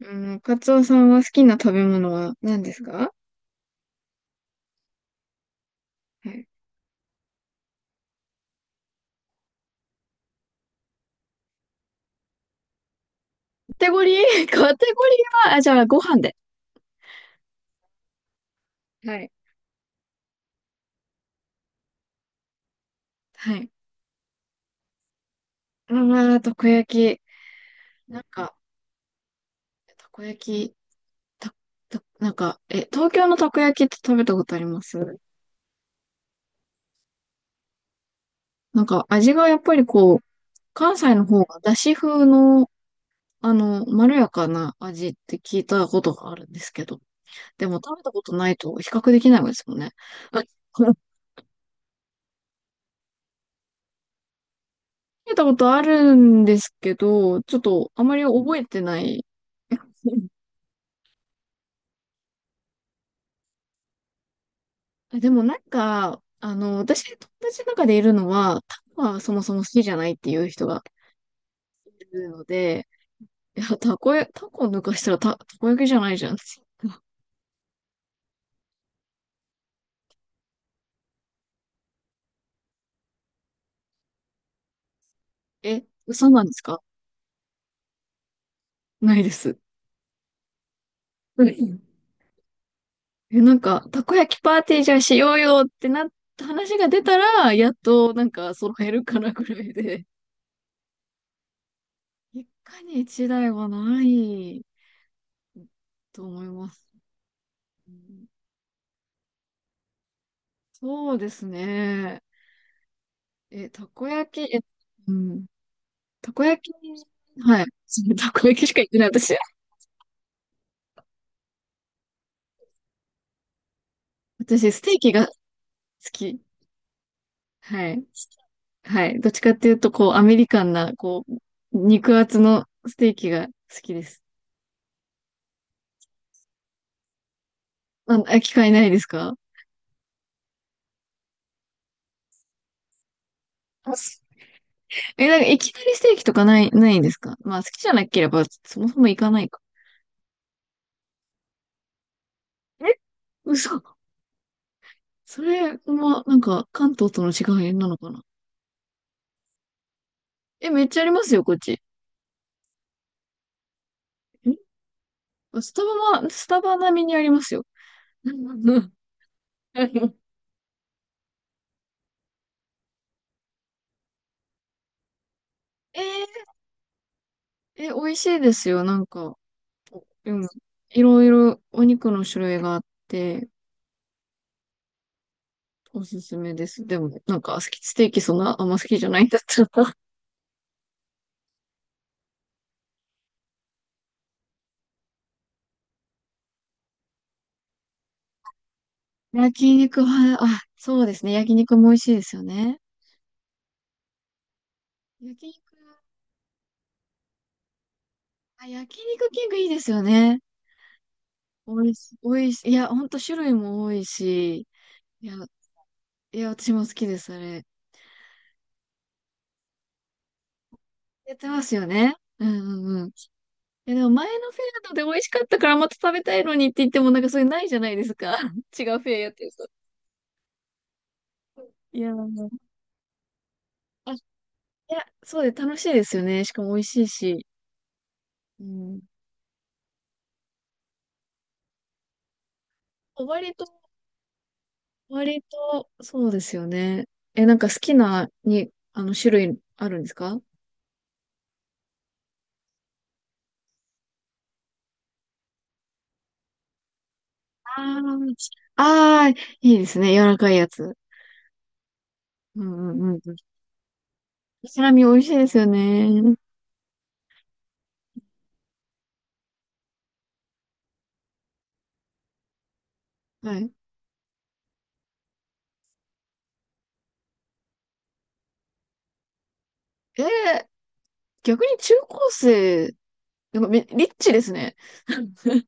うん、カツオさんは好きな食べ物は何ですか？はい。カテゴリー カテゴリーは、じゃあ、ご飯で。はい。はい。ああ、たこ焼き。なんか、たこ焼き、た、た、なんか、え、東京のたこ焼きって食べたことあります？味がやっぱりこう、関西の方がだし風の、まろやかな味って聞いたことがあるんですけど、でも食べたことないと比較できないですもんね。食べたことあるんですけど、ちょっとあまり覚えてない。あでも私、友達の中でいるのは、タコはそもそも好きじゃないっていう人がいるので、いや、タコ抜かしたらタコ焼きじゃないじゃん。え、嘘なんですか？ないです。うん。え、なんか、たこ焼きパーティーじゃあしようよってなった話が出たら、やっとなんか揃えるかなぐらいで、一家に一台はないと思います。うん。そうですね。え、たこ焼き、え、うん。たこ焼き、はい。たこ焼きしか言ってない、私。私、ステーキが好き。はい。はい。どっちかっていうと、こう、アメリカンな、こう、肉厚のステーキが好きです。あ、あ機会ないですか？あす え、なんか、いきなりステーキとかない、ないんですか？まあ、好きじゃなければ、そもそも行かないか。え、嘘。それは、なんか、関東との違いなのかな？え、めっちゃありますよ、こっち。スタバスタバ並みにありますよ。えー、え、美味しいですよ、なんか。うん。いろいろお肉の種類があって、おすすめです。でも、なんか、ステーキそんなあんま好きじゃないんだったら。焼肉は、あ、そうですね。焼肉も美味しいですよね。焼肉、あ、焼肉キングいいですよね。美味しい、美味しい。いや、ほんと種類も多いし、いや、いや、私も好きです、あれ。やってますよね。うんうんうん。いや、でも前のフェアので美味しかったからまた食べたいのにって言ってもなんかそれないじゃないですか。違うフェアやってると。いやー、いや、そうで楽しいですよね。しかも美味しいし。うん。割と、割と、そうですよね。え、なんか好きな、に、あの、種類あるんですか？ああー、あーいいですね。柔らかいやつ。うんうんうんうん。サラミ美味しいですよね。はい。えー、逆に中高生、なんかめ、リッチですね。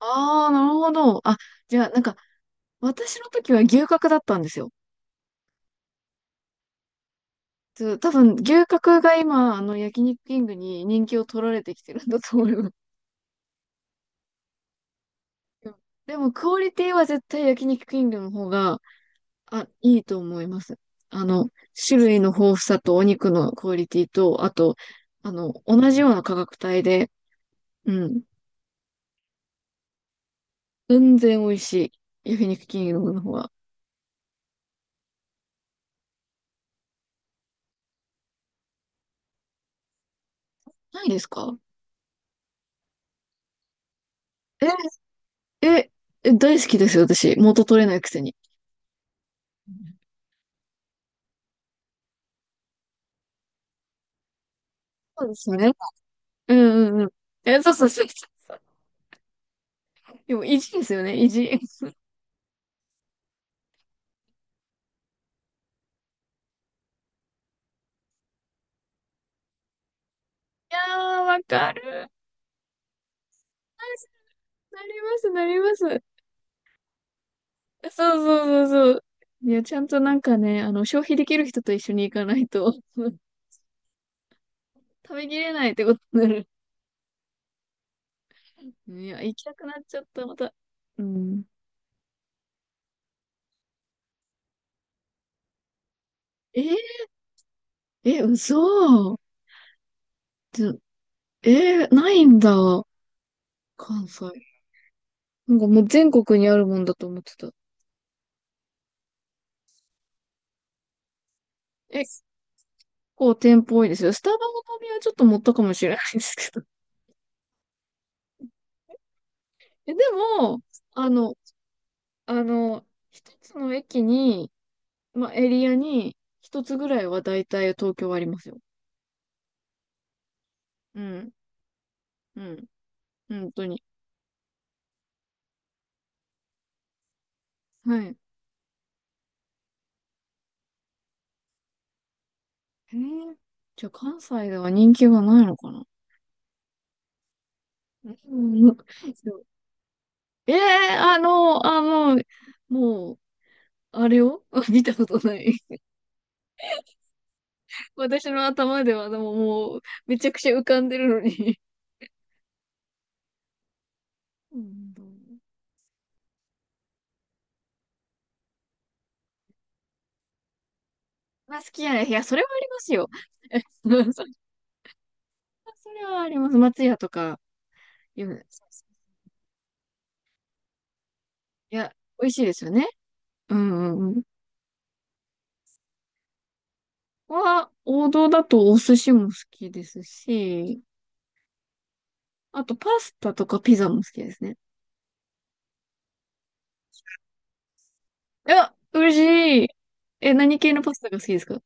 ああ、なるほど。あ、じゃあ、なんか、私の時は牛角だったんですよ。そう多分、牛角が今、あの、焼肉キングに人気を取られてきてるんだと思います。うん。 でも、クオリティは絶対焼肉キングの方が、あ、いいと思います。あの、種類の豊富さとお肉のクオリティと、あと、あの、同じような価格帯で、うん、全然美味しい。焼肉キングの方が。ないですか？え、え、え、大好きですよ、私。元取れないくせに。そうですよね。うんうんうん。え、そうそうそうそう でも、意地ですよね、意地。いやー、わかる。なります、なります。そうそうそうそう。いや、ちゃんとなんかね、あの、消費できる人と一緒に行かないと、食べきれないってことになる。いや、行きたくなっちゃった、また。うん。えー、え、嘘。ちょえー、ないんだ。関西。なんかもう全国にあるもんだと思ってた。え、結構店舗多いですよ。スタバの旅はちょっと持ったかもしれないですけど。え、でも、あの、あの、一つの駅に、まあ、エリアに、一つぐらいは大体東京はありますよ。うん。うん。本当に。はい。へえ。じゃあ関西では人気がないのかな？うん。うん。そう ええ。あの、もう、あれを 見たことない。私の頭では、でももう、めちゃくちゃ浮かんでるのに。うん。まあ、好きやね。いや、それはありますよ。それはあります。松屋とか。いや、いや、美味しいですよね。うんうんうん。ここは、王道だとお寿司も好きですし、あとパスタとかピザも好きですね。いや、嬉しい。え、何系のパスタが好きですか？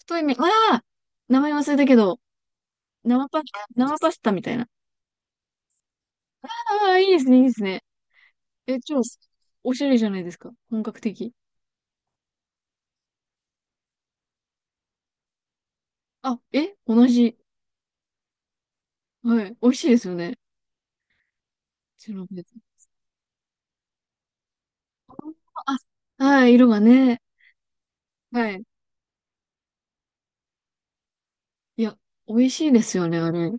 太い麺、ああ、名前忘れたけど、生パ、生パスタみたいな。ああ、いいですね、いいですね。え、超、おしゃれじゃないですか。本格的。あ、え、同じ。はい。美味しいですよね。うちのや、あ、はい、色がね。はい。いや、美味しいですよね、あれ。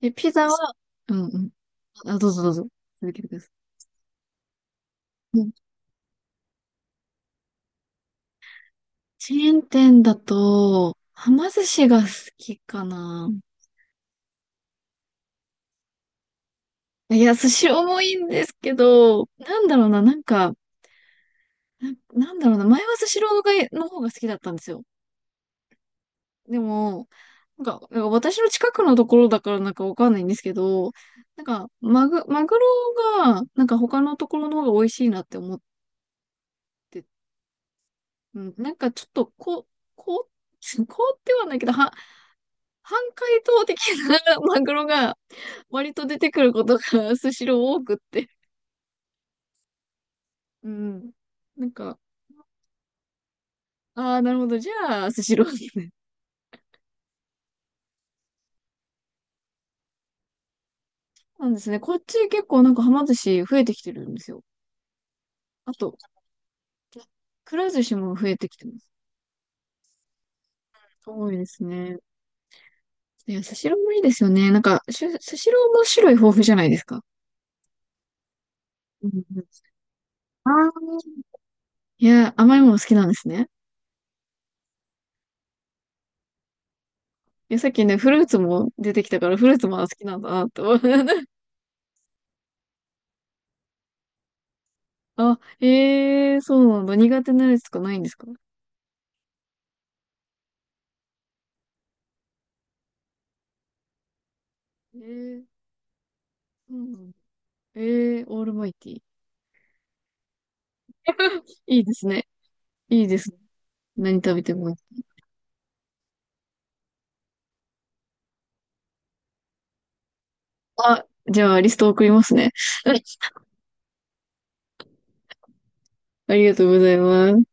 え、ピザは、うんうん。あ、どうぞどうぞ。続けてください。うん。チェーン店だと、はま寿司が好きかな。いや、寿司重いんですけど、なんだろうな、なんか、なんだろうな、前はスシローがの方が好きだったんですよ。でも、なんか、なんか私の近くのところだからなんかわかんないんですけど、なんか、マグロが、なんか他のところの方が美味しいなって思って、うん、なんかちょっと、こ、こう、こうってはないけど、半解凍的な マグロが割と出てくることがスシロー多くって。うん。なんか、ああ、なるほど。じゃあ、スシローですね。なんですね。こっち結構なんかはま寿司増えてきてるんですよ。あと、くら寿司も増えてきてます。多いですね。いや、スシローもいいですよね。なんか、スシローも種類豊富じゃないですか。うんうん。ああ。いや、甘いもの好きなんですね。いや、さっきね、フルーツも出てきたから、フルーツも好きなんだなと、あ、ええー、そうなんだ。苦手なやつとかないんですか？ええー、そうなんだ。ええー、オールマイティー。いいですね。いいですね。何食べてもいい。じゃあ、リスト送りますね。ありがとうございます。